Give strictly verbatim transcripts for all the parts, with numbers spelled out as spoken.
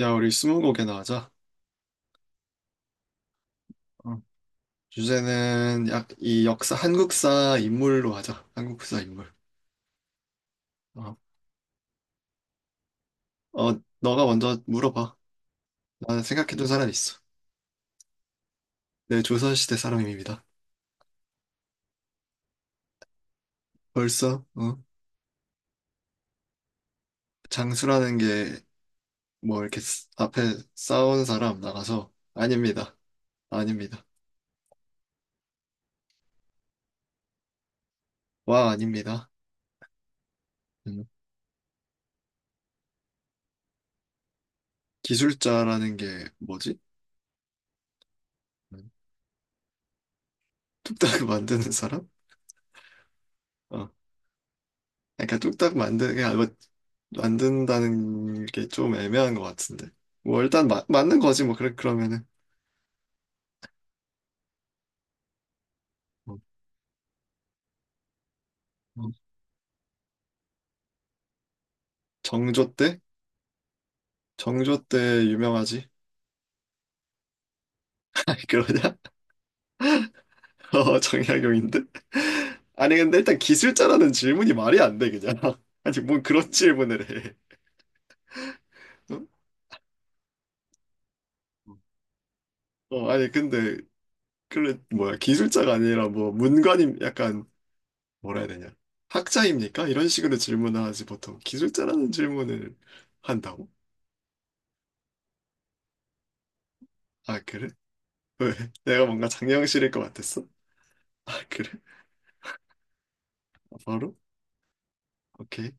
야, 우리 스무고개나 하자. 어. 주제는 약, 이 역사, 한국사 인물로 하자. 한국사 인물. 어, 어, 너가 먼저 물어봐. 나는 생각해둔 사람 있어. 내 조선시대 사람입니다. 벌써, 어? 장수라는 게, 뭐, 이렇게 쓰- 앞에 싸운 사람 나가서, 아닙니다. 아닙니다. 와, 아닙니다. 음. 기술자라는 게 뭐지? 음. 뚝딱 만드는 사람? 어. 그러니까 뚝딱 만든 그거 만든다는 게 좀 애매한 것 같은데. 뭐 일단 마, 맞는 거지 뭐 그래 그러면은 어, 어. 정조 때 정조 때 유명하지. 아니 그러냐? 어 정약용인데. 아니 근데 일단 기술자라는 질문이 말이 안 돼 그냥. 아니 뭔 그런 질문을 해. 응? 어 아니 근데 그래 뭐야, 기술자가 아니라 뭐 문관임 약간, 뭐라 해야 되냐, 학자입니까? 이런 식으로 질문을 하지 보통. 기술자라는 질문을 한다고? 아 그래? 왜? 내가 뭔가 장영실일 것 같았어? 아, 그래? 아, 바로? 오케이.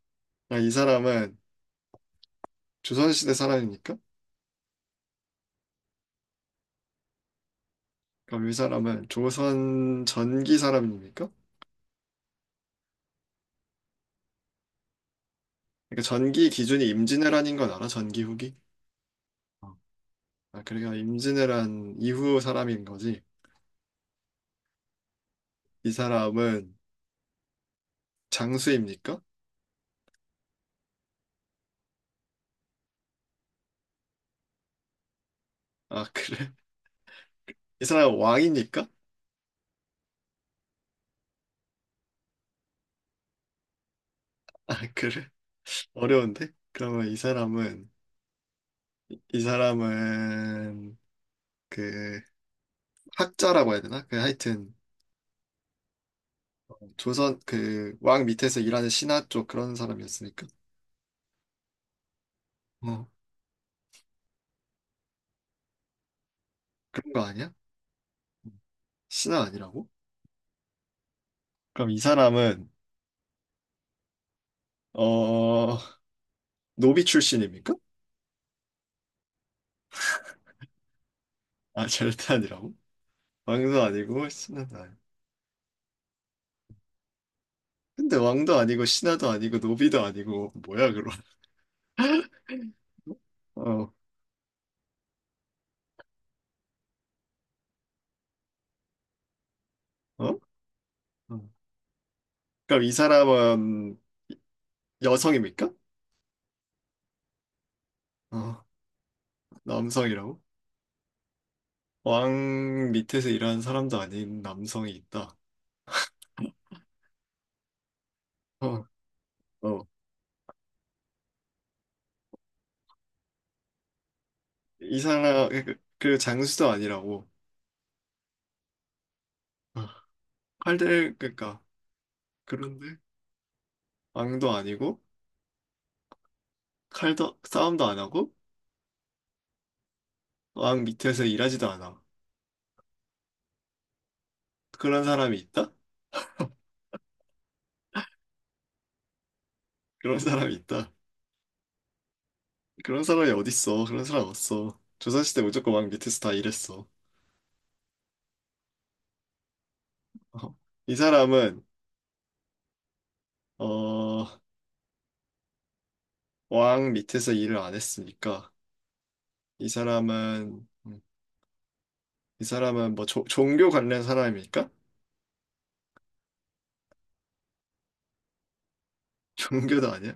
아, 이 사람은 조선시대 사람입니까? 그럼 이 사람은 조선 전기 사람입니까? 그러니까 전기 기준이 임진왜란인 건 알아? 전기 후기? 어. 아, 그러니까 임진왜란 이후 사람인 거지. 이 사람은 장수입니까? 아, 그래? 이 사람은 왕입니까? 아, 그래? 어려운데? 그러면 이 사람은, 이 사람은, 그, 학자라고 해야 되나? 그 하여튼, 조선 그 왕 밑에서 일하는 신하 쪽 그런 사람이었으니까. 어, 그런 거 아니야? 신하 아니라고? 그럼 이 사람은 어 노비 출신입니까? 아 절대 아니라고? 왕도 아니고 신하도 아니고. 근데 왕도 아니고 신하도 아니고 노비도 아니고 뭐야 그럼? 어, 어? 어. 그럼 이 사람은 여성입니까? 어, 남성이라고? 왕 밑에서 일하는 사람도 아닌 남성이 있다. 어, 어. 이 사람, 그, 그 장수도 아니라고. 아, 칼들 그러니까 그런데 왕도 아니고 칼도 싸움도 안 하고 왕 밑에서 일하지도 않아. 그런 사람이 있다? 그런 사람이 있다. 그런 사람이 어딨어? 그런 사람 없어. 조선시대 무조건 왕 밑에서 다 일했어. 어, 이 사람은 어, 왕 밑에서 일을 안 했으니까 이 사람은 음, 이 사람은 뭐 조- 종교 관련 사람입니까? 종교도 아니야?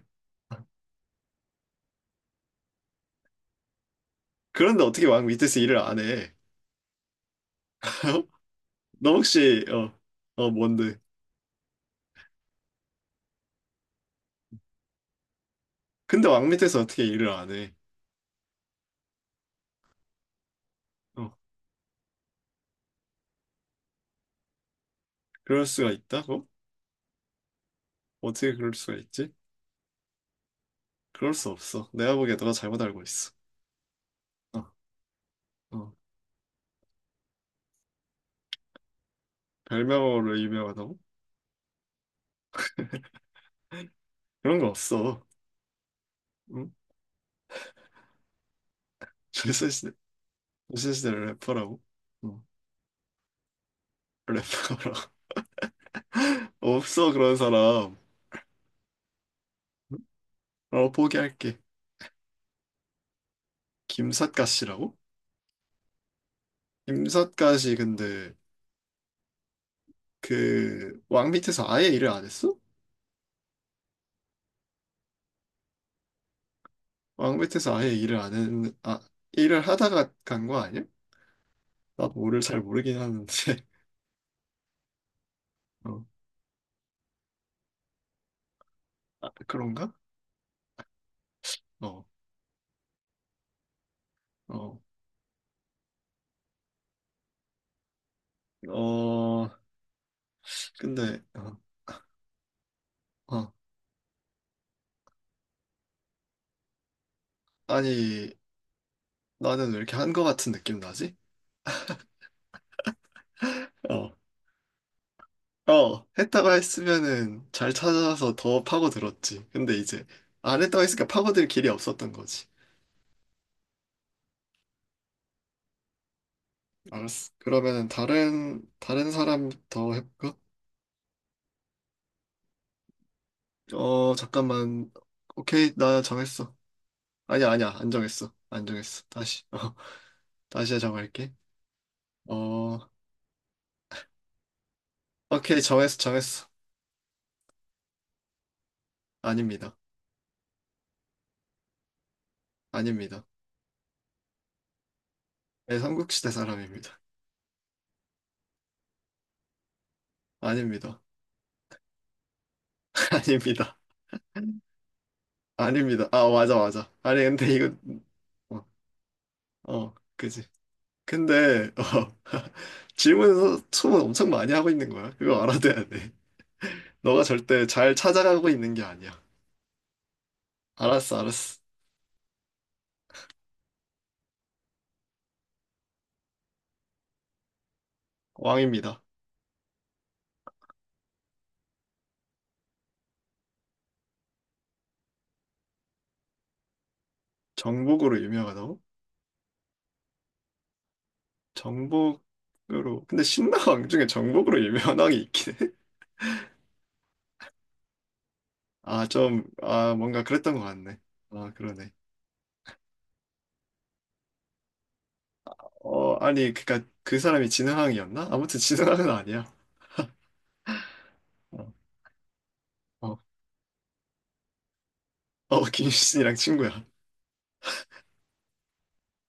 그런데 어떻게 왕 밑에서 일을 안 해? 너 혹시 어, 어 뭔데? 근데 왕 밑에서 어떻게 일을 안 해? 어, 그럴 수가 있다고? 어떻게 그럴 수가 있지? 그럴 수 없어. 내가 보기에 너가 잘못 알고 있어. 어, 어. 별명으로 유명하다고? 그런 거 없어. 응? 조선시대, 조선시대를 래퍼라고? 어, 래퍼라고. 없어, 그런 사람. 어, 포기할게. 김삿갓이라고? 김삿갓이 근데 그 왕 밑에서 아예 일을 안 했어? 왕 밑에서 아예 일을 안 했는, 아, 일을 하다가 간 거 아니야? 나도 모를 잘 모르긴 하는데 어, 아, 그런가? 어, 어, 어, 근데, 어, 어, 아니, 나는 왜 이렇게 한 거 같은 느낌 나지? 어, 어, 했다가 했으면은 잘 찾아서 더 파고들었지. 근데 이제 안 했다가 했으니까 파고들 길이 없었던 거지. 알았어. 그러면은 다른, 다른 사람 더 해볼까? 어, 잠깐만. 오케이, 나 정했어. 아니야, 아니야, 안 정했어. 안 정했어. 다시, 어, 다시 정할게. 어, 오케이, 정했어, 정했어. 아닙니다. 아닙니다. 네, 삼국시대 사람입니다. 아닙니다. 아닙니다. 아닙니다. 아, 맞아, 맞아. 아니, 근데 이거, 어, 어, 그지. 근데, 어, 질문에서 소문 엄청 많이 하고 있는 거야. 그거 알아둬야 돼. 너가 절대 잘 찾아가고 있는 게 아니야. 알았어, 알았어. 왕입니다. 정복으로 유명하다고? 정복으로. 근데 신라왕 중에 정복으로 유명한 왕이 있긴 해? 아, 좀, 아, 뭔가 그랬던 것 같네. 아, 그러네. 어, 아니, 그니까 그 사람이 진흥왕이었나? 아무튼 진흥왕은 아니야. 어, 어, 어, 김유신이랑 친구야.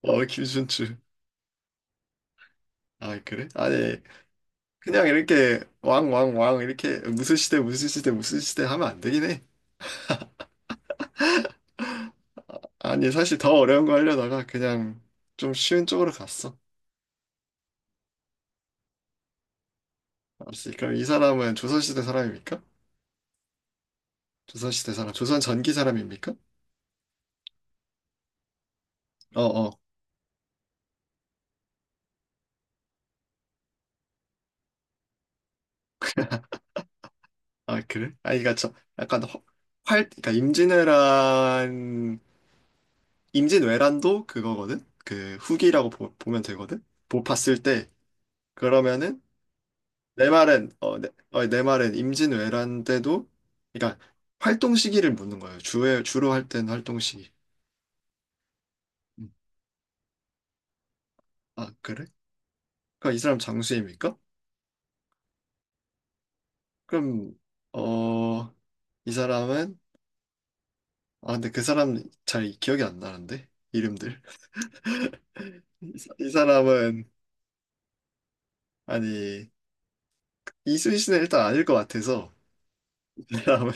어, 김춘추. 아, 그래? 아니, 그냥 이렇게 왕, 왕, 왕, 이렇게 무슨 시대, 무슨 시대, 무슨 시대 하면 안 되긴 해. 아니, 사실 더 어려운 거 하려다가 그냥 좀 쉬운 쪽으로 갔어. 알았지. 그럼 이 사람은 조선시대 사람입니까? 조선시대 사람, 조선 전기 사람입니까? 어, 어. 아, 그래? 아니, 그니까 저, 약간 허, 활, 그니까 임진왜란 임진왜란도 그거거든? 그 후기라고 보, 면 되거든? 보 봤을 때 그러면은 내 말은 어, 내, 어, 내 말은 임진왜란 때도 그러니까 활동 시기를 묻는 거예요. 주에 주로 할 때는 활동 시기. 음. 아, 그래? 그럼 이 사람 장수입니까? 그럼 어, 이 사람은 아, 근데 그 사람 잘 기억이 안 나는데, 이름들. 이, 사- 이 사람은 아니 이순신은 일단 아닐 것 같아서 이 사람은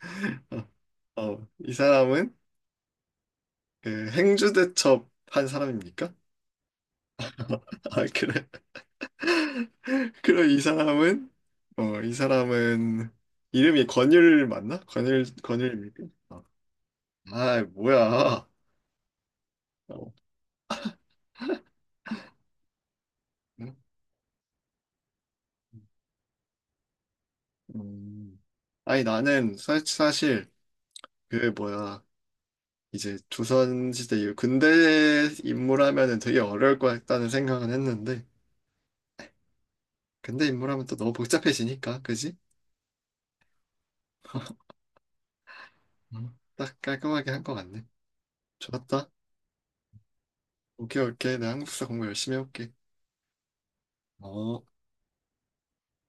어, 어, 이 사람은 그 행주대첩 한 사람입니까? 아, 그래. 그럼 이 사람은, 어, 이 사람은, 이름이 권율 맞나? 권율, 권율입니까? 어. 아, 뭐야. 어. 응? 음. 아니, 나는 사, 사실, 그, 뭐야. 이제 조선시대 이후 근대 인물 하면은 되게 어려울 것 같다는 생각은 했는데, 근대 인물 하면 또 너무 복잡해지니까, 그지? 음. 딱 깔끔하게 한 것 같네. 좋았다. 오케이, 오케이. 나 한국사 공부 열심히 해볼게. 어.